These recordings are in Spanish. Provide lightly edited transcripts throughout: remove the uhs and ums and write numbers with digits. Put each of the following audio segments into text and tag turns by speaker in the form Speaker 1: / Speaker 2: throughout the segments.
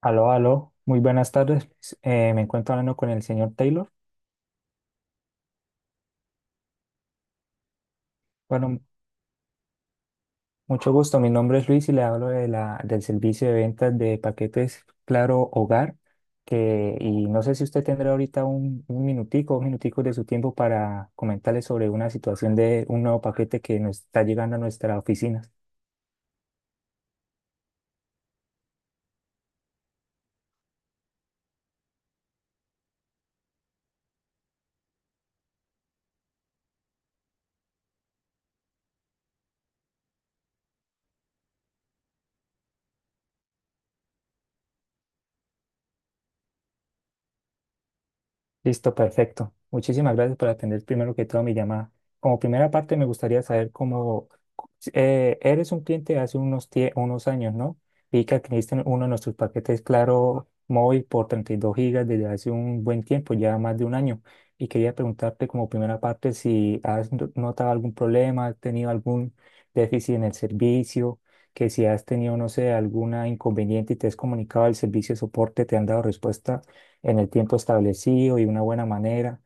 Speaker 1: Aló, aló, muy buenas tardes. Me encuentro hablando con el señor Taylor. Bueno, mucho gusto. Mi nombre es Luis y le hablo de del servicio de ventas de paquetes Claro Hogar. Y no sé si usted tendrá ahorita un minutico, dos minuticos de su tiempo para comentarle sobre una situación de un nuevo paquete que nos está llegando a nuestra oficina. Listo, perfecto. Muchísimas gracias por atender primero que todo mi llamada. Como primera parte, me gustaría saber cómo eres un cliente de hace unos años, ¿no? Vi que adquiriste uno de nuestros paquetes Claro Móvil por 32 gigas desde hace un buen tiempo, ya más de un año. Y quería preguntarte como primera parte si has notado algún problema, has tenido algún déficit en el servicio, que si has tenido, no sé, alguna inconveniente y te has comunicado al servicio de soporte, te han dado respuesta en el tiempo establecido y de una buena manera.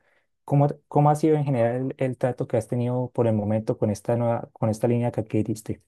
Speaker 1: ¿Cómo ha sido en general el trato que has tenido por el momento con esta nueva, con esta línea que adquiriste?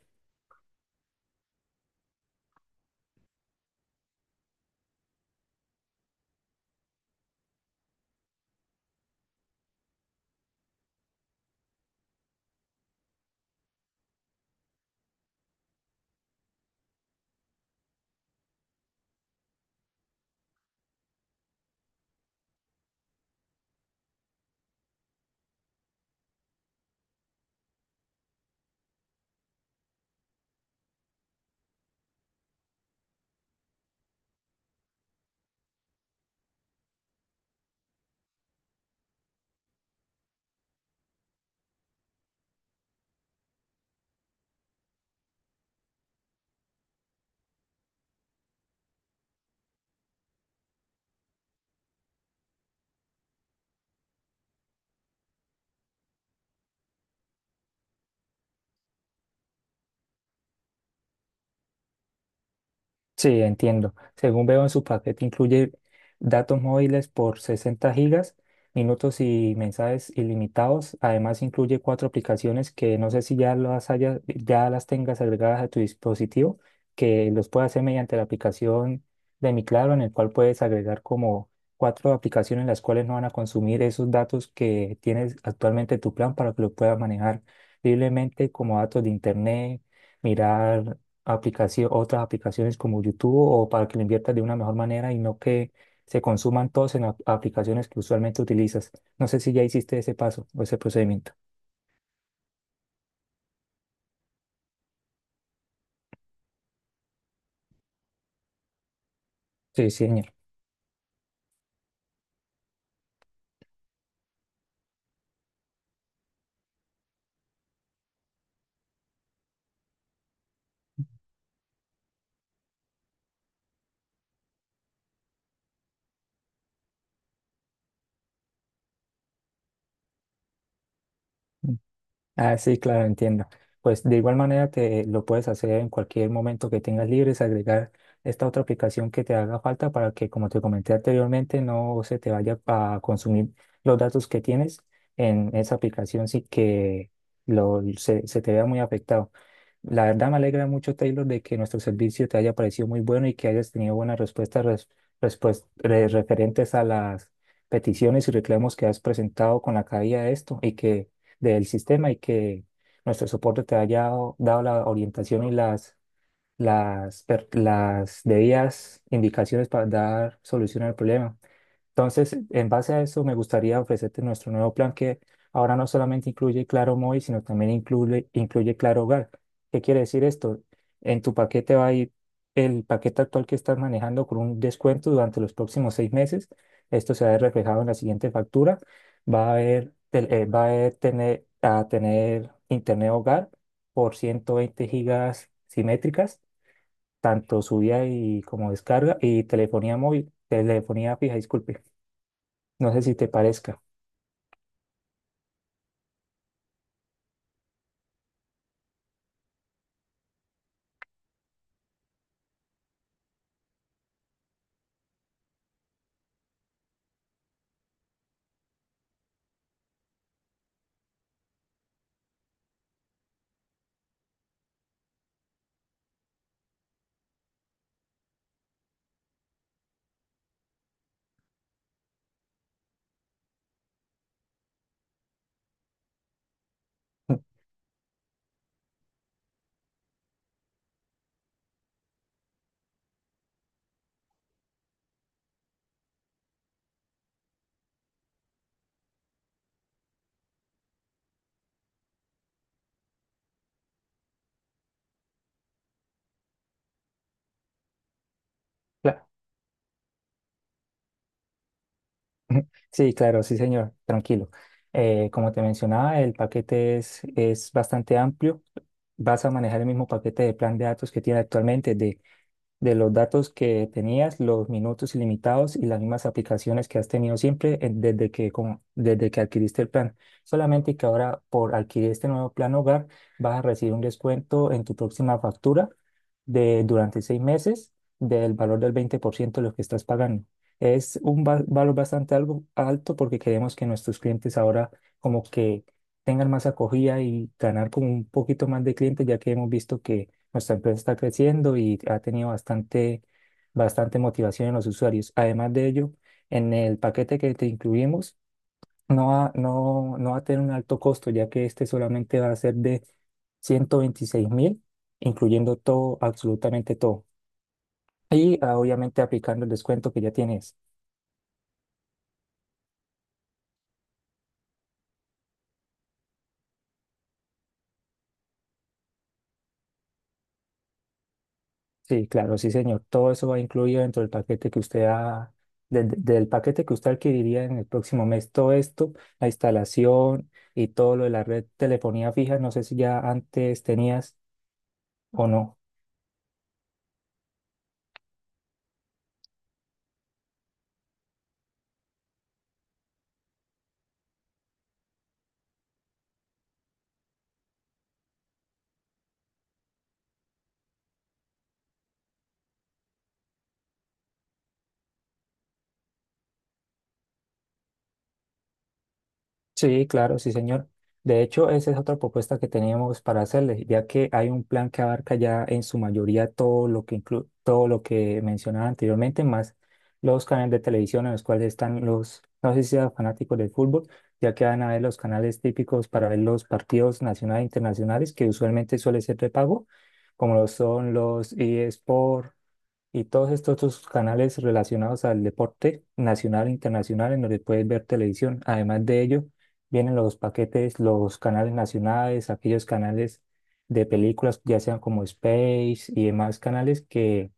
Speaker 1: Sí, entiendo. Según veo en su paquete, incluye datos móviles por 60 gigas, minutos y mensajes ilimitados. Además, incluye cuatro aplicaciones que no sé si ya las hayas, ya las tengas agregadas a tu dispositivo, que los puedes hacer mediante la aplicación de Mi Claro, en el cual puedes agregar como cuatro aplicaciones las cuales no van a consumir esos datos que tienes actualmente en tu plan para que lo puedas manejar libremente como datos de internet, mirar aplicación, otras aplicaciones como YouTube, o para que lo inviertas de una mejor manera y no que se consuman todos en aplicaciones que usualmente utilizas. No sé si ya hiciste ese paso o ese procedimiento. Sí, sí, señor. Ah, sí, claro, entiendo. Pues de igual manera te lo puedes hacer en cualquier momento que tengas libre, es agregar esta otra aplicación que te haga falta para que, como te comenté anteriormente, no se te vaya a consumir los datos que tienes en esa aplicación, sí que se te vea muy afectado. La verdad me alegra mucho, Taylor, de que nuestro servicio te haya parecido muy bueno y que hayas tenido buenas respuestas referentes a las peticiones y reclamos que has presentado con la caída de esto y que del sistema y que nuestro soporte te haya dado la orientación y las debidas indicaciones para dar solución al problema. Entonces, en base a eso, me gustaría ofrecerte nuestro nuevo plan que ahora no solamente incluye Claro Móvil, sino también incluye Claro Hogar. ¿Qué quiere decir esto? En tu paquete va a ir el paquete actual que estás manejando con un descuento durante los próximos 6 meses. Esto se va a ver reflejado en la siguiente factura. Va a haber, tel- va a haber tener, A tener internet hogar por 120 gigas simétricas, tanto subida y como descarga, y telefonía móvil, telefonía fija, disculpe. No sé si te parezca. Cla- Sí, claro, sí, señor, tranquilo. Como te mencionaba, el paquete es bastante amplio. Vas a manejar el mismo paquete de plan de datos que tiene actualmente de los datos que tenías, los minutos ilimitados y las mismas aplicaciones que has tenido siempre desde que adquiriste el plan. Solamente que ahora por adquirir este nuevo plan hogar vas a recibir un descuento en tu próxima factura de durante 6 meses del valor del 20% de lo que estás pagando. Es un valor bastante algo alto porque queremos que nuestros clientes ahora como que tengan más acogida y ganar como un poquito más de clientes, ya que hemos visto que nuestra empresa está creciendo y ha tenido bastante motivación en los usuarios. Además de ello, en el paquete que te incluimos, no va a tener un alto costo, ya que este solamente va a ser de 126.000, incluyendo todo, absolutamente todo. Y ah, obviamente aplicando el descuento que ya tienes. Sí, claro, sí, señor. Todo eso va incluido dentro del paquete que del paquete que usted adquiriría en el próximo mes. Todo esto, la instalación y todo lo de la red telefonía fija, no sé si ya antes tenías o no. Sí, claro, sí, señor. De hecho, esa es otra propuesta que teníamos para hacerles, ya que hay un plan que abarca ya en su mayoría todo lo que mencionaba anteriormente, más los canales de televisión en los cuales están los, no sé si sean fanáticos del fútbol, ya que van a ver los canales típicos para ver los partidos nacionales e internacionales, que usualmente suele ser de pago, como lo son los eSports y todos estos otros canales relacionados al deporte nacional e internacional en donde puedes ver televisión. Además de ello, vienen los paquetes, los canales nacionales, aquellos canales de películas, ya sean como Space y demás canales que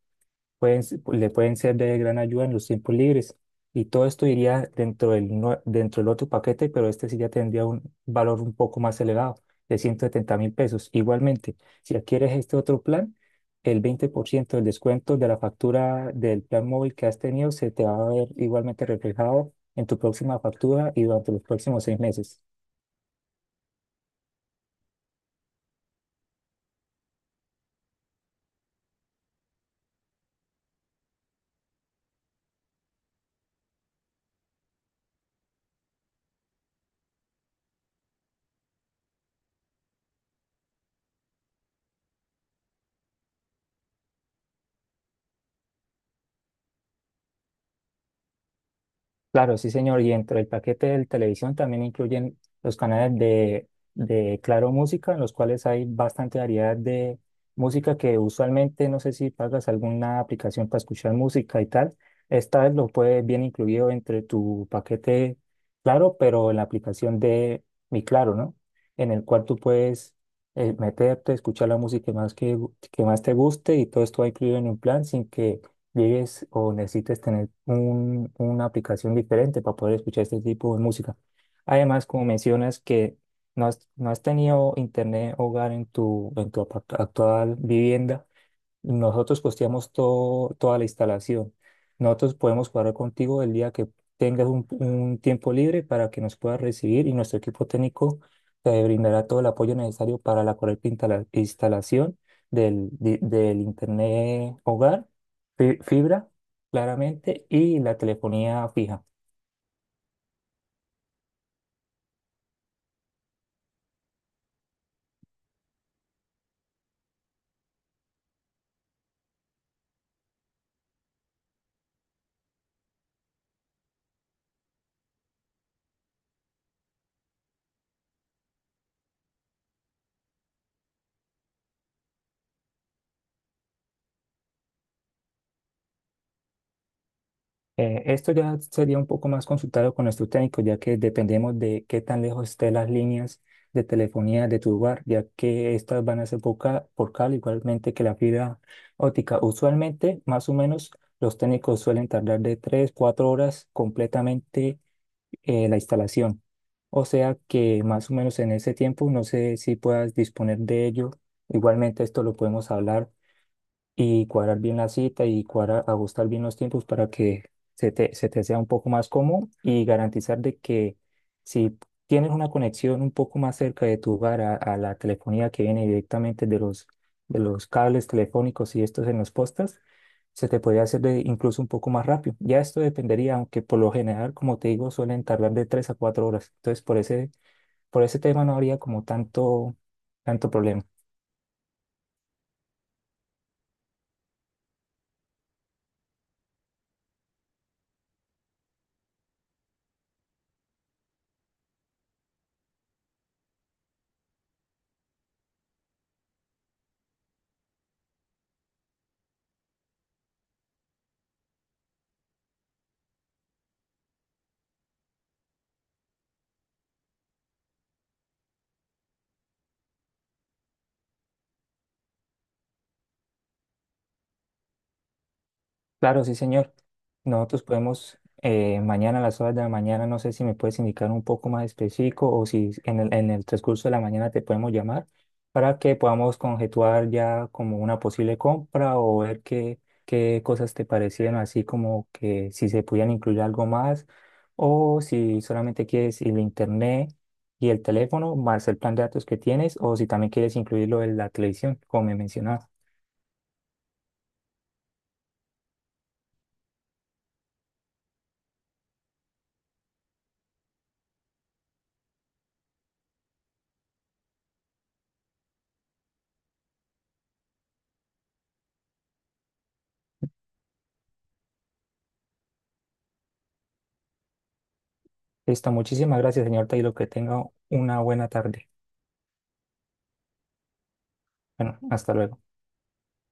Speaker 1: le pueden ser de gran ayuda en los tiempos libres. Y todo esto iría dentro dentro del otro paquete, pero este sí ya tendría un valor un poco más elevado, de $170.000. Igualmente, si adquieres este otro plan, el 20% del descuento de la factura del plan móvil que has tenido se te va a ver igualmente reflejado en tu próxima factura y durante los próximos seis meses. Claro, sí, señor. Y dentro del paquete de televisión también incluyen los canales de Claro Música, en los cuales hay bastante variedad de música que usualmente, no sé si pagas alguna aplicación para escuchar música y tal. Esta vez lo puedes bien incluido entre tu paquete Claro, pero en la aplicación de Mi Claro, ¿no? En el cual tú puedes meterte, escuchar la música que que más te guste y todo esto va incluido en un plan sin que llegues o necesites tener una aplicación diferente para poder escuchar este tipo de música. Además, como mencionas que no has tenido internet hogar en en tu actual vivienda, nosotros costeamos todo, toda la instalación. Nosotros podemos cuadrar contigo el día que tengas un tiempo libre para que nos puedas recibir y nuestro equipo técnico te brindará todo el apoyo necesario para la correcta instalación del internet hogar, fibra, claramente, y la telefonía fija. Esto ya sería un poco más consultado con nuestro técnico, ya que dependemos de qué tan lejos estén las líneas de telefonía de tu lugar, ya que estas van a ser por por cable, igualmente que la fibra óptica. Usualmente, más o menos, los técnicos suelen tardar de 3 4 horas completamente la instalación. O sea que más o menos en ese tiempo, no sé si puedas disponer de ello. Igualmente, esto lo podemos hablar y cuadrar bien la cita y cuadrar, ajustar bien los tiempos para que se te sea un poco más cómodo y garantizar de que si tienes una conexión un poco más cerca de tu hogar a la telefonía que viene directamente de de los cables telefónicos y estos en los postas, se te podría hacer incluso un poco más rápido. Ya esto dependería, aunque por lo general, como te digo, suelen tardar de 3 a 4 horas. Entonces, por ese tema no habría como tanto, tanto problema. Claro, sí, señor. Nosotros podemos mañana a las horas de la mañana, no sé si me puedes indicar un poco más específico o si en en el transcurso de la mañana te podemos llamar para que podamos conjetuar ya como una posible compra o ver qué cosas te parecieron, así como que si se pudieran incluir algo más o si solamente quieres el internet y el teléfono más el plan de datos que tienes o si también quieres incluirlo en la televisión, como me mencionabas. Listo, muchísimas gracias, señor Taylor. Que tenga una buena tarde. Bueno, hasta luego.